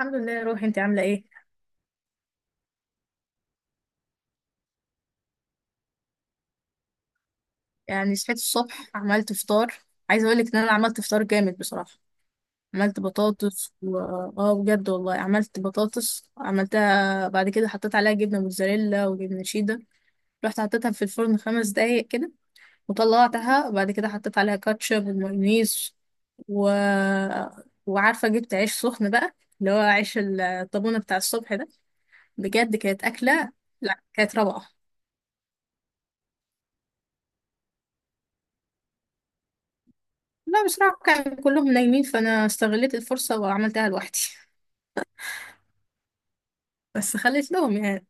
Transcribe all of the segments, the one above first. الحمد لله يا روحي، انت عامله ايه؟ يعني صحيت الصبح، عملت فطار. عايزه اقول لك ان انا عملت فطار جامد بصراحه. عملت بطاطس اه بجد والله، عملت بطاطس، عملتها بعد كده حطيت عليها جبنه موتزاريلا وجبنه شيدر. رحت حطيتها في الفرن 5 دقايق كده، وطلعتها بعد كده حطيت عليها كاتشب ومايونيز و... وعارفه جبت عيش سخن بقى، اللي هو عيش الطابونه بتاع الصبح ده. بجد كانت اكله، لا كانت روعه. لا بصراحة كانوا كلهم نايمين، فأنا استغلت الفرصة وعملتها لوحدي. بس خليت لهم يعني.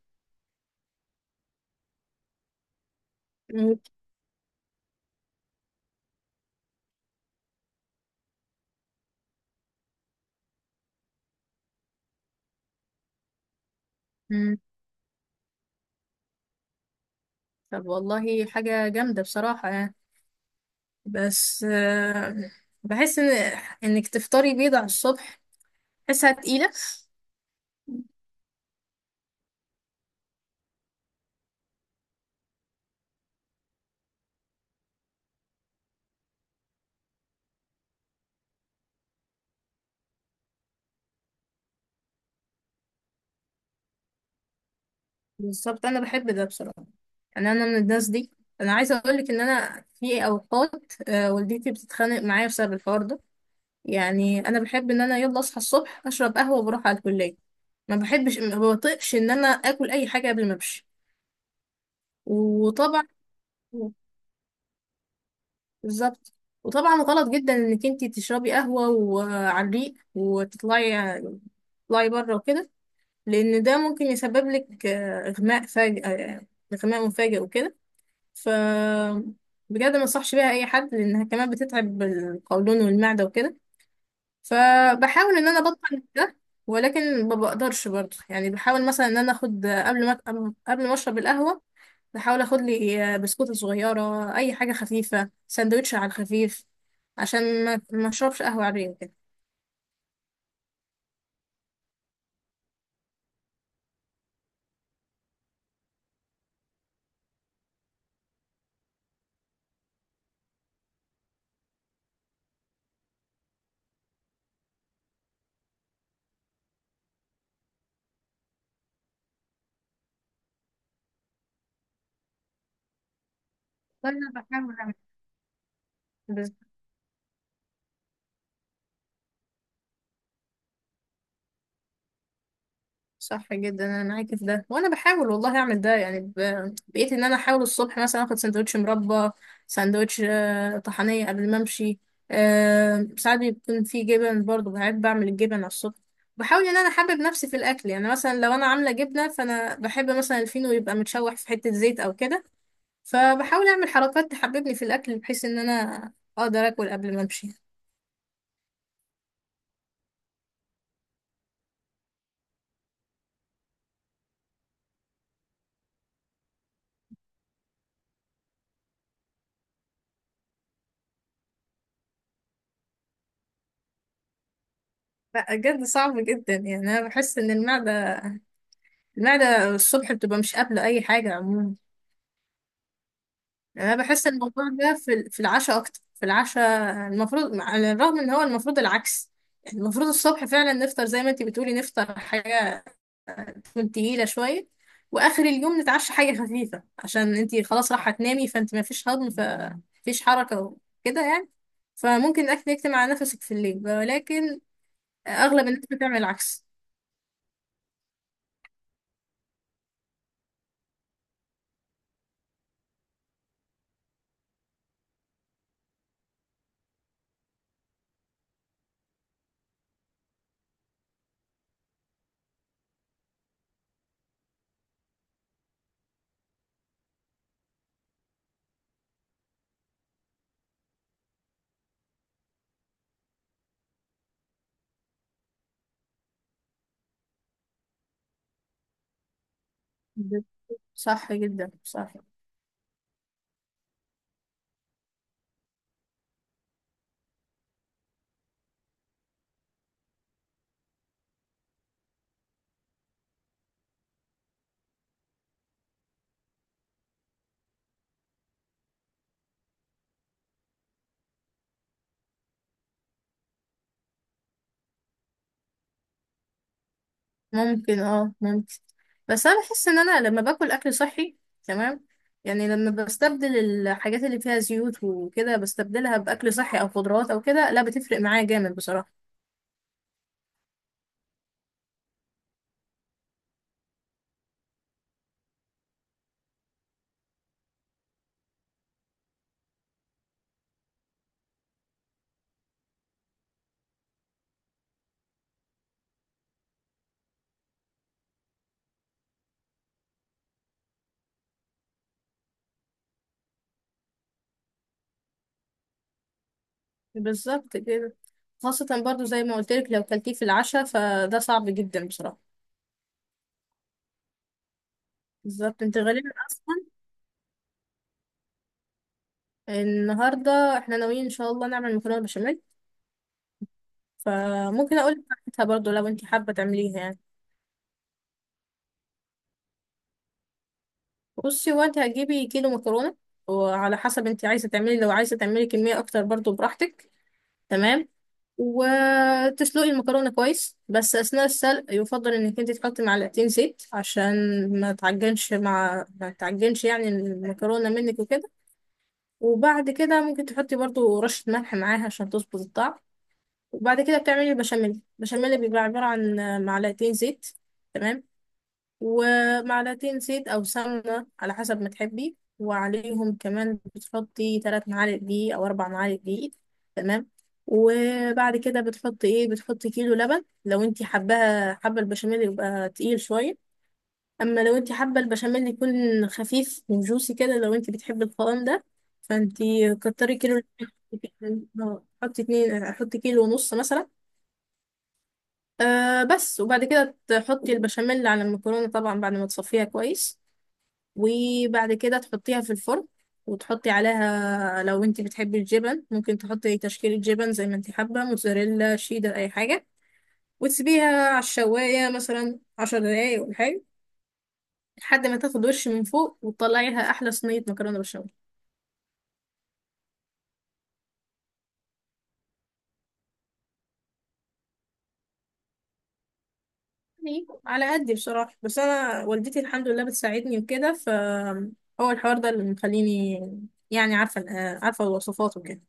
مم. طب والله حاجة جامدة بصراحة يعني. بس بحس إنك تفطري بيض على الصبح، بحسها تقيلة. بالظبط، أنا بحب ده بصراحة، يعني أنا من الناس دي. أنا عايزة أقولك إن أنا في أوقات والدتي بتتخانق معايا بسبب الحوار ده. يعني أنا بحب إن أنا يلا أصحى الصبح أشرب قهوة وبروح على الكلية. ما بحبش، ما بطيقش ان انا اكل اي حاجه قبل ما امشي. وطبعا، بالظبط، وطبعا غلط جدا انك انت تشربي قهوة وعلى الريق وتطلعي، تطلعي بره وكده. لان ده ممكن يسبب لك اغماء فاجئ، اغماء مفاجئ وكده. ف بجد ما انصحش بيها اي حد لانها كمان بتتعب القولون والمعدة وكده. فبحاول ان انا ابطل ده، ولكن ما بقدرش برضه. يعني بحاول مثلا ان انا اخد قبل ما اشرب القهوة، بحاول اخد لي بسكوتة صغيرة، اي حاجة خفيفة، سندوتش على الخفيف، عشان ما اشربش قهوة عادية كده. وانا بحاول اعمل بس- صح جدا، انا معاكي في ده، وانا بحاول والله اعمل ده يعني بقيت ان انا احاول الصبح مثلا اخد سندوتش مربى، سندوتش طحنية قبل ما امشي. ساعات بيكون في جبن برضه، بحب بعمل الجبن على الصبح. بحاول ان انا احبب نفسي في الاكل، يعني مثلا لو انا عامله جبنه فانا بحب مثلا الفينو يبقى متشوح في حته زيت او كده. فبحاول اعمل حركات تحببني في الاكل بحيث ان انا اقدر اكل قبل ما امشي. لا بجد صعب جدا، يعني انا بحس ان المعده الصبح بتبقى مش قابله اي حاجه عموما. يعني انا بحس ان الموضوع ده في العشاء اكتر، في العشاء المفروض، على الرغم ان هو المفروض العكس. يعني المفروض الصبح فعلا نفطر زي ما انتي بتقولي، نفطر حاجه تكون تقيلة شوية، وآخر اليوم نتعشى حاجة خفيفة عشان انتي خلاص راح هتنامي، فانت مفيش هضم فمفيش حركة وكده يعني. فممكن الأكل يكتم على نفسك في الليل، ولكن أغلب الناس بتعمل العكس. ب- صح جدا صح. ممكن، اه ممكن. بس أنا بحس إن أنا لما باكل أكل صحي، تمام، يعني لما بستبدل الحاجات اللي فيها زيوت وكده بستبدلها بأكل صحي أو خضروات أو كده، لا بتفرق معايا جامد بصراحة. بالظبط كده. خاصة برضو زي ما قلت لك لو كلتيه في العشاء فده صعب جدا بصراحة. بالظبط، انت غالبا اصلا. النهاردة احنا ناويين ان شاء الله نعمل مكرونة بشاميل. فممكن اقول لك بتاعتها برضو لو انت حابة تعمليها يعني. بصي، هو انت هتجيبي كيلو مكرونة، وعلى حسب انت عايزة تعملي، لو عايزة تعملي كمية اكتر برضو براحتك، تمام. وتسلقي المكرونة كويس، بس أثناء السلق يفضل إنك أنت تحطي معلقتين زيت عشان ما تعجنش يعني المكرونة منك وكده. وبعد كده ممكن تحطي برضو رشة ملح معاها عشان تظبط الطعم. وبعد كده بتعملي البشاميل. البشاميل بيبقى عبارة عن معلقتين زيت، تمام، ومعلقتين زيت أو سمنة على حسب ما تحبي، وعليهم كمان بتحطي 3 معالق دقيق أو 4 معالق دقيق، تمام. وبعد كده بتحطي بتحطي كيلو لبن لو انتي حابة البشاميل يبقى تقيل شوية. أما لو انتي حابة البشاميل يكون خفيف وجوسي كده، لو انتي بتحبي القوام ده، فانتي كتري كيلو لبن. حطي اتنين، حطي كيلو ونص مثلا. آه بس وبعد كده تحطي البشاميل على المكرونة طبعا بعد ما تصفيها كويس، وبعد كده تحطيها في الفرن، وتحطي عليها لو انت بتحبي الجبن ممكن تحطي تشكيلة جبن زي ما انت حابة، موتزاريلا شيدر اي حاجة، وتسيبيها على الشواية مثلا 10 دقايق ولا حاجة، لحد ما تاخد وش من فوق وتطلعيها أحلى صينية مكرونة بالبشاميل. على قدي بصراحة، بس أنا والدتي الحمد لله بتساعدني وكده. هو الحوار ده اللي مخليني يعني عارفة الوصفات وكده.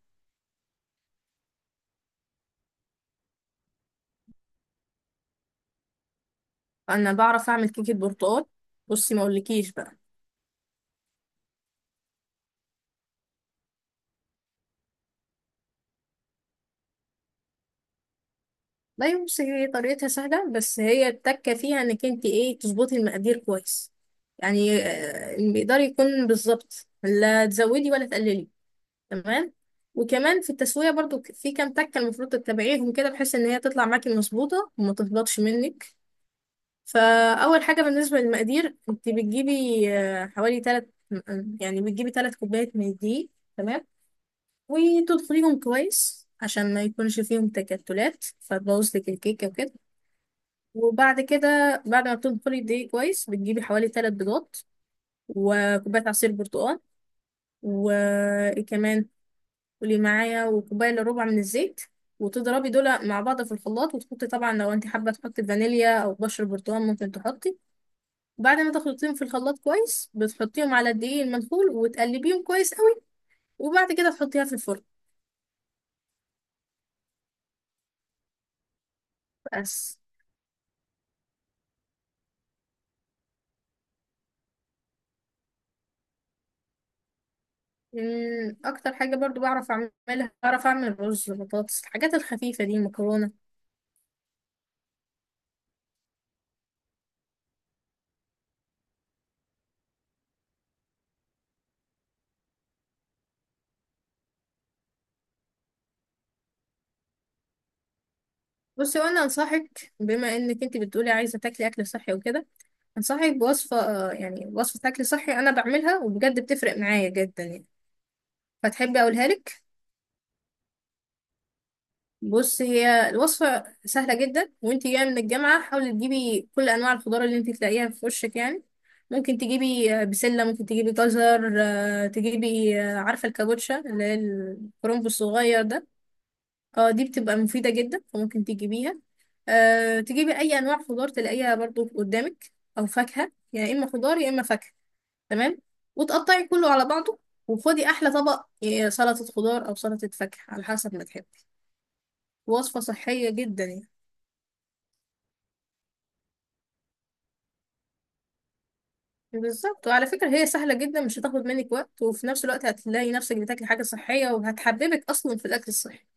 أنا بعرف أعمل كيكة برتقال. بصي ما أقولكيش بقى. لا بصي، هي طريقتها سهلة، بس هي التكة فيها انك انت تظبطي المقادير كويس. يعني المقدار يكون بالظبط، لا تزودي ولا تقللي، تمام. وكمان في التسوية برضو، في كام تكة المفروض تتبعيهم كده بحيث ان هي تطلع معاكي مظبوطة وما تهبطش منك. فأول حاجة بالنسبة للمقادير، انت بتجيبي آه، حوالي تلات يعني بتجيبي 3 كوبايات من الدقيق، تمام، وتدخليهم كويس عشان ما يكونش فيهم تكتلات فتبوظ لك الكيكة وكده. وبعد كده بعد ما بتنخلي الدقيق كويس بتجيبي حوالي 3 بيضات، وكوباية عصير برتقال، وكمان قولي معايا، وكوباية إلا ربع من الزيت. وتضربي دول مع بعض في الخلاط، وتحطي طبعا لو انت حابة تحطي فانيليا أو بشر برتقال ممكن تحطي. بعد ما تخلطيهم في الخلاط كويس بتحطيهم على الدقيق المنخول، وتقلبيهم كويس قوي، وبعد كده تحطيها في الفرن. بس. أكتر حاجة برضو بعرف أعملها، بعرف أعمل رز، بطاطس، الحاجات الخفيفة دي، مكرونة. بصي وانا انصحك، بما انك انت بتقولي عايزه تاكلي اكل صحي وكده، انصحك بوصفه، يعني وصفه اكل صحي انا بعملها وبجد بتفرق معايا جدا يعني، فتحبي اقولها لك؟ بصي هي الوصفه سهله جدا، وانت جايه من الجامعه حاولي تجيبي كل انواع الخضار اللي انت تلاقيها في وشك يعني. ممكن تجيبي بسله، ممكن تجيبي جزر، آه، تجيبي آه، عارفه الكابوتشا اللي هي الكرنب الصغير ده. اه دي بتبقى مفيدة جدا، فممكن تجيبيها. أه تجيبي أي أنواع خضار تلاقيها برضو قدامك، أو فاكهة، يا إما خضار يا إما فاكهة، تمام. وتقطعي كله على بعضه، وخدي أحلى طبق سلطة خضار أو سلطة فاكهة على حسب ما تحبي. وصفة صحية جدا يعني. بالظبط، وعلى فكرة هي سهلة جدا مش هتاخد منك وقت، وفي نفس الوقت هتلاقي نفسك بتاكلي حاجة صحية، وهتحببك أصلا في الأكل الصحي.